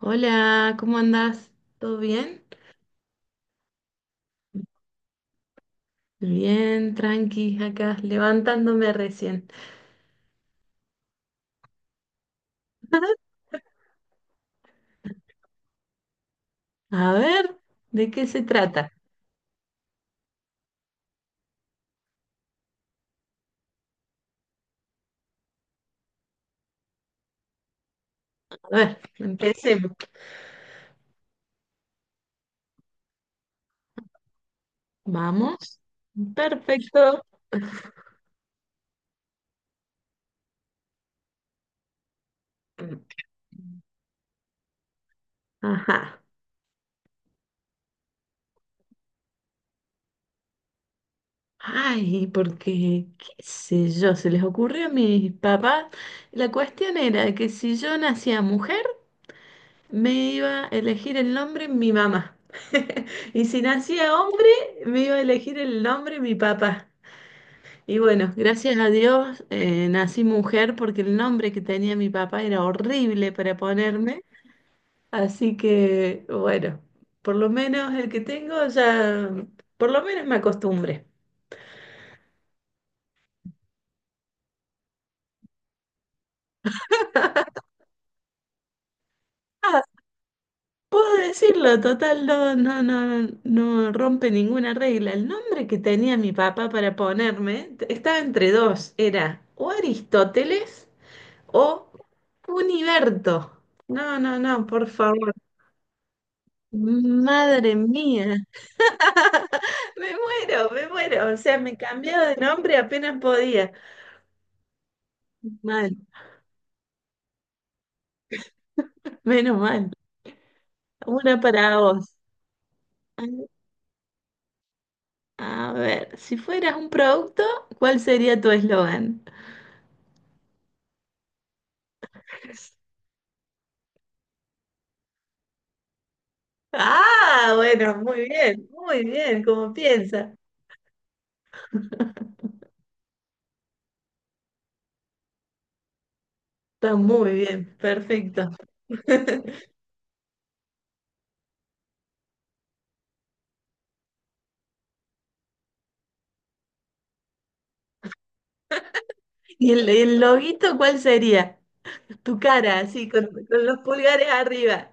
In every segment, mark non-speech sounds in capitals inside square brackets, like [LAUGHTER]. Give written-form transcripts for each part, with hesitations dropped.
Hola, ¿cómo andás? ¿Todo bien? Bien, tranqui, acá levantándome recién. [LAUGHS] A ver, ¿de qué se trata? A ver, empecemos. Vamos. Perfecto. Ajá. Ay, porque, qué sé yo, se les ocurrió a mis papás. La cuestión era que si yo nacía mujer, me iba a elegir el nombre mi mamá. [LAUGHS] Y si nacía hombre, me iba a elegir el nombre mi papá. Y bueno, gracias a Dios nací mujer porque el nombre que tenía mi papá era horrible para ponerme. Así que bueno, por lo menos el que tengo ya, por lo menos me acostumbré. Ah, puedo decirlo, total, no, no, no, no rompe ninguna regla. El nombre que tenía mi papá para ponerme estaba entre dos, era o Aristóteles o Uniberto. No, no, no, por favor. Madre mía. Me muero, me muero. O sea, me cambiaba de nombre apenas podía. Mal, menos mal. Una para vos. A ver, si fueras un producto, ¿cuál sería tu eslogan? Ah, bueno, muy bien, como piensa. Está muy bien, perfecto. [LAUGHS] ¿Y el loguito cuál sería? Tu cara, así, con los pulgares arriba.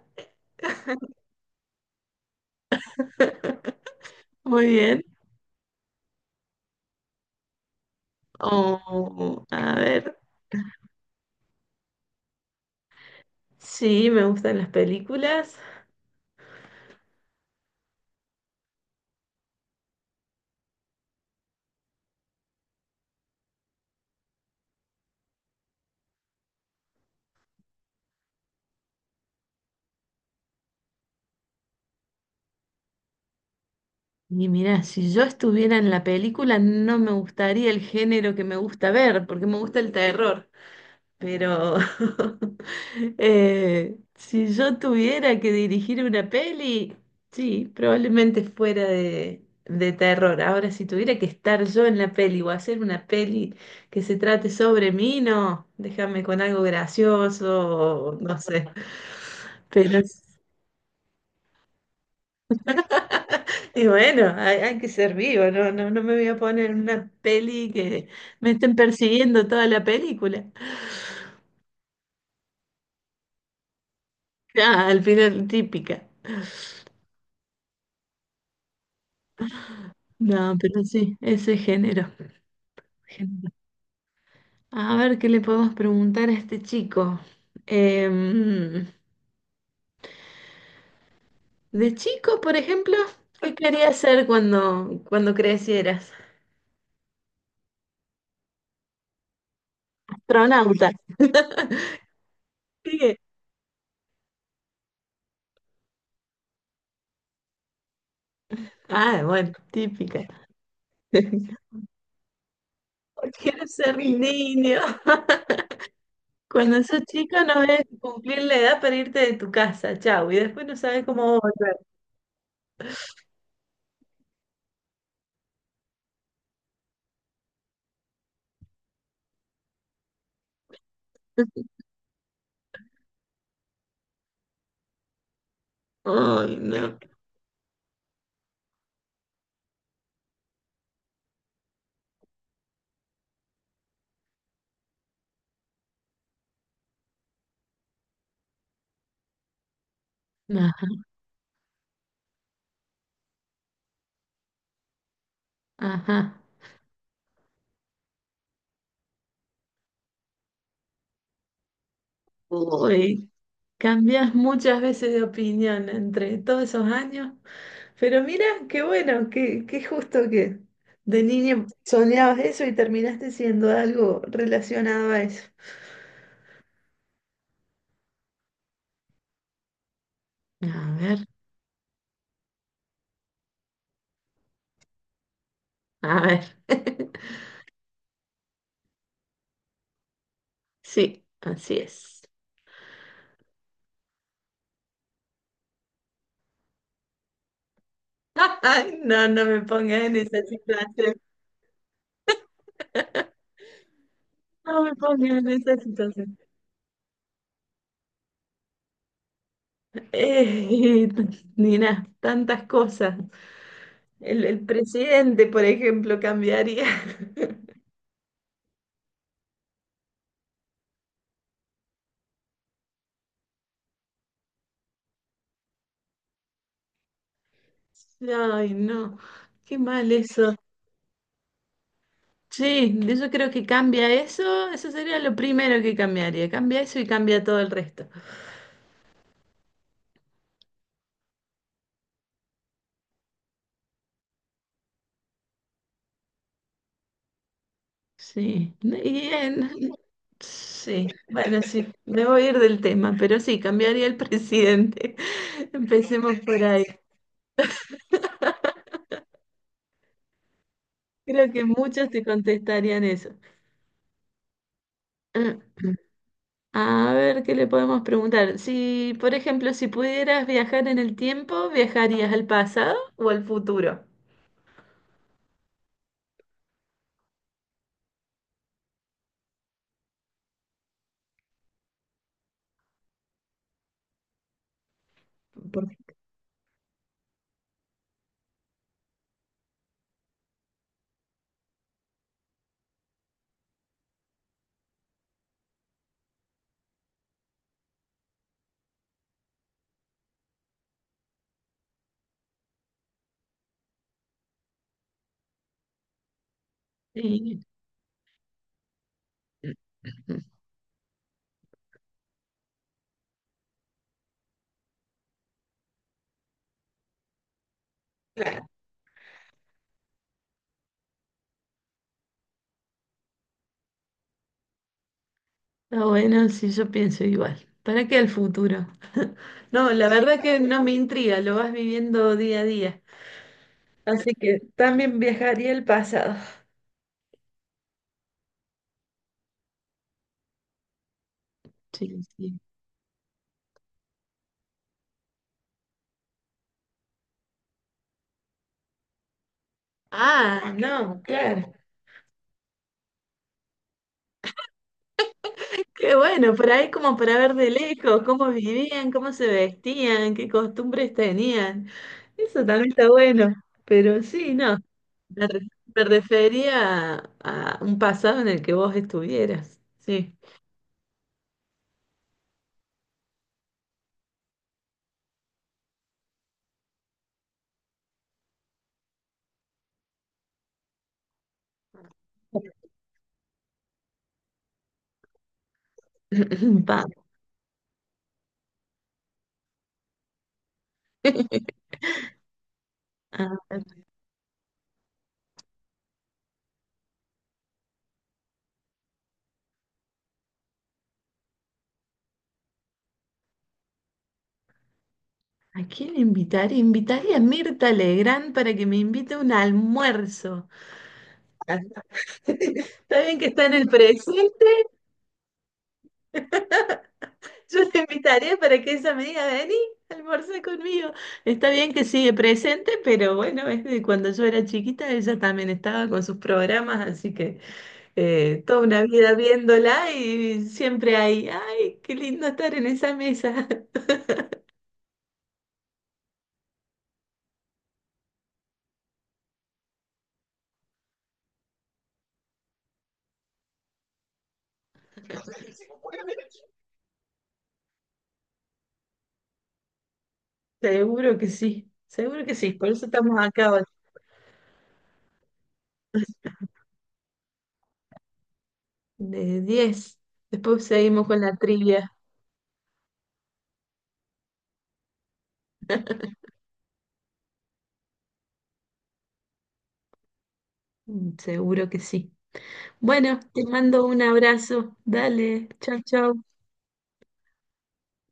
Muy bien. Oh, a ver, sí, me gustan las películas. Y mirá, si yo estuviera en la película, no me gustaría el género que me gusta ver, porque me gusta el terror. Pero [LAUGHS] si yo tuviera que dirigir una peli, sí, probablemente fuera de terror. Ahora, si tuviera que estar yo en la peli o hacer una peli que se trate sobre mí, no, déjame con algo gracioso, o no sé. Pero y bueno, hay que ser vivo, no, no, no me voy a poner en una peli que me estén persiguiendo toda la película. [LAUGHS] Ah, al final típica. No, pero sí, ese género. Género. A ver qué le podemos preguntar a este chico. Em, de chico, por ejemplo, ¿qué querías ser cuando, cuando crecieras? Astronauta. [LAUGHS] Sigue. Ah, bueno, típica. [LAUGHS] Quiero ser niño. [LAUGHS] Cuando sos chico no ves cumplir la edad para irte de tu casa, chau, y después no sabes cómo volver. [LAUGHS] Ay, no. Ajá, ajá. Uy, cambias muchas veces de opinión entre todos esos años. Pero mira, qué bueno, qué, qué justo que de niño soñabas eso y terminaste siendo algo relacionado a eso. A ver, a ver. [LAUGHS] Sí, así es. [LAUGHS] Ay, no, no me pongas en esa situación. [LAUGHS] No me pongas en esa situación. Eh, [LAUGHS] Nina, tantas cosas. El presidente, por ejemplo, cambiaría. [LAUGHS] Ay, no, qué mal eso. Sí, yo creo que cambia eso, eso sería lo primero que cambiaría. Cambia eso y cambia todo el resto. Sí, sí, bueno, sí, me voy a ir del tema, pero sí, cambiaría el presidente. [LAUGHS] Empecemos por ahí. Creo que muchos te contestarían eso. [CLEARS THROAT] A ver, ¿qué le podemos preguntar? Si, por ejemplo, si pudieras viajar en el tiempo, ¿viajarías al pasado o al futuro? Por- Sí. [LAUGHS] Claro. Ah, bueno, sí, yo pienso igual. ¿Para qué al futuro? No, la verdad que no me intriga, lo vas viviendo día a día. Así que también viajaría al pasado. Sí, sí. Ah, no, claro. Qué bueno, por ahí como para ver de lejos cómo vivían, cómo se vestían, qué costumbres tenían. Eso también está bueno, pero sí, no, me, re- me refería a un pasado en el que vos estuvieras, sí. [CLEARS THROAT] Pa. [LAUGHS] A ver, ¿a quién invitaría? Invitaría a Mirta Legrand para que me invite a un almuerzo. [LAUGHS] Está bien que está en el presente. Yo te invitaré para que ella me diga, vení, almorzá conmigo. Está bien que sigue presente, pero bueno, es de cuando yo era chiquita, ella también estaba con sus programas, así que toda una vida viéndola y siempre hay, ay, qué lindo estar en esa mesa. [LAUGHS] Seguro que sí, por eso estamos acá hoy, de 10. Después seguimos con la trivia. Mm, seguro que sí. Bueno, te mando un abrazo, dale, chao, chao,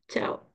chao.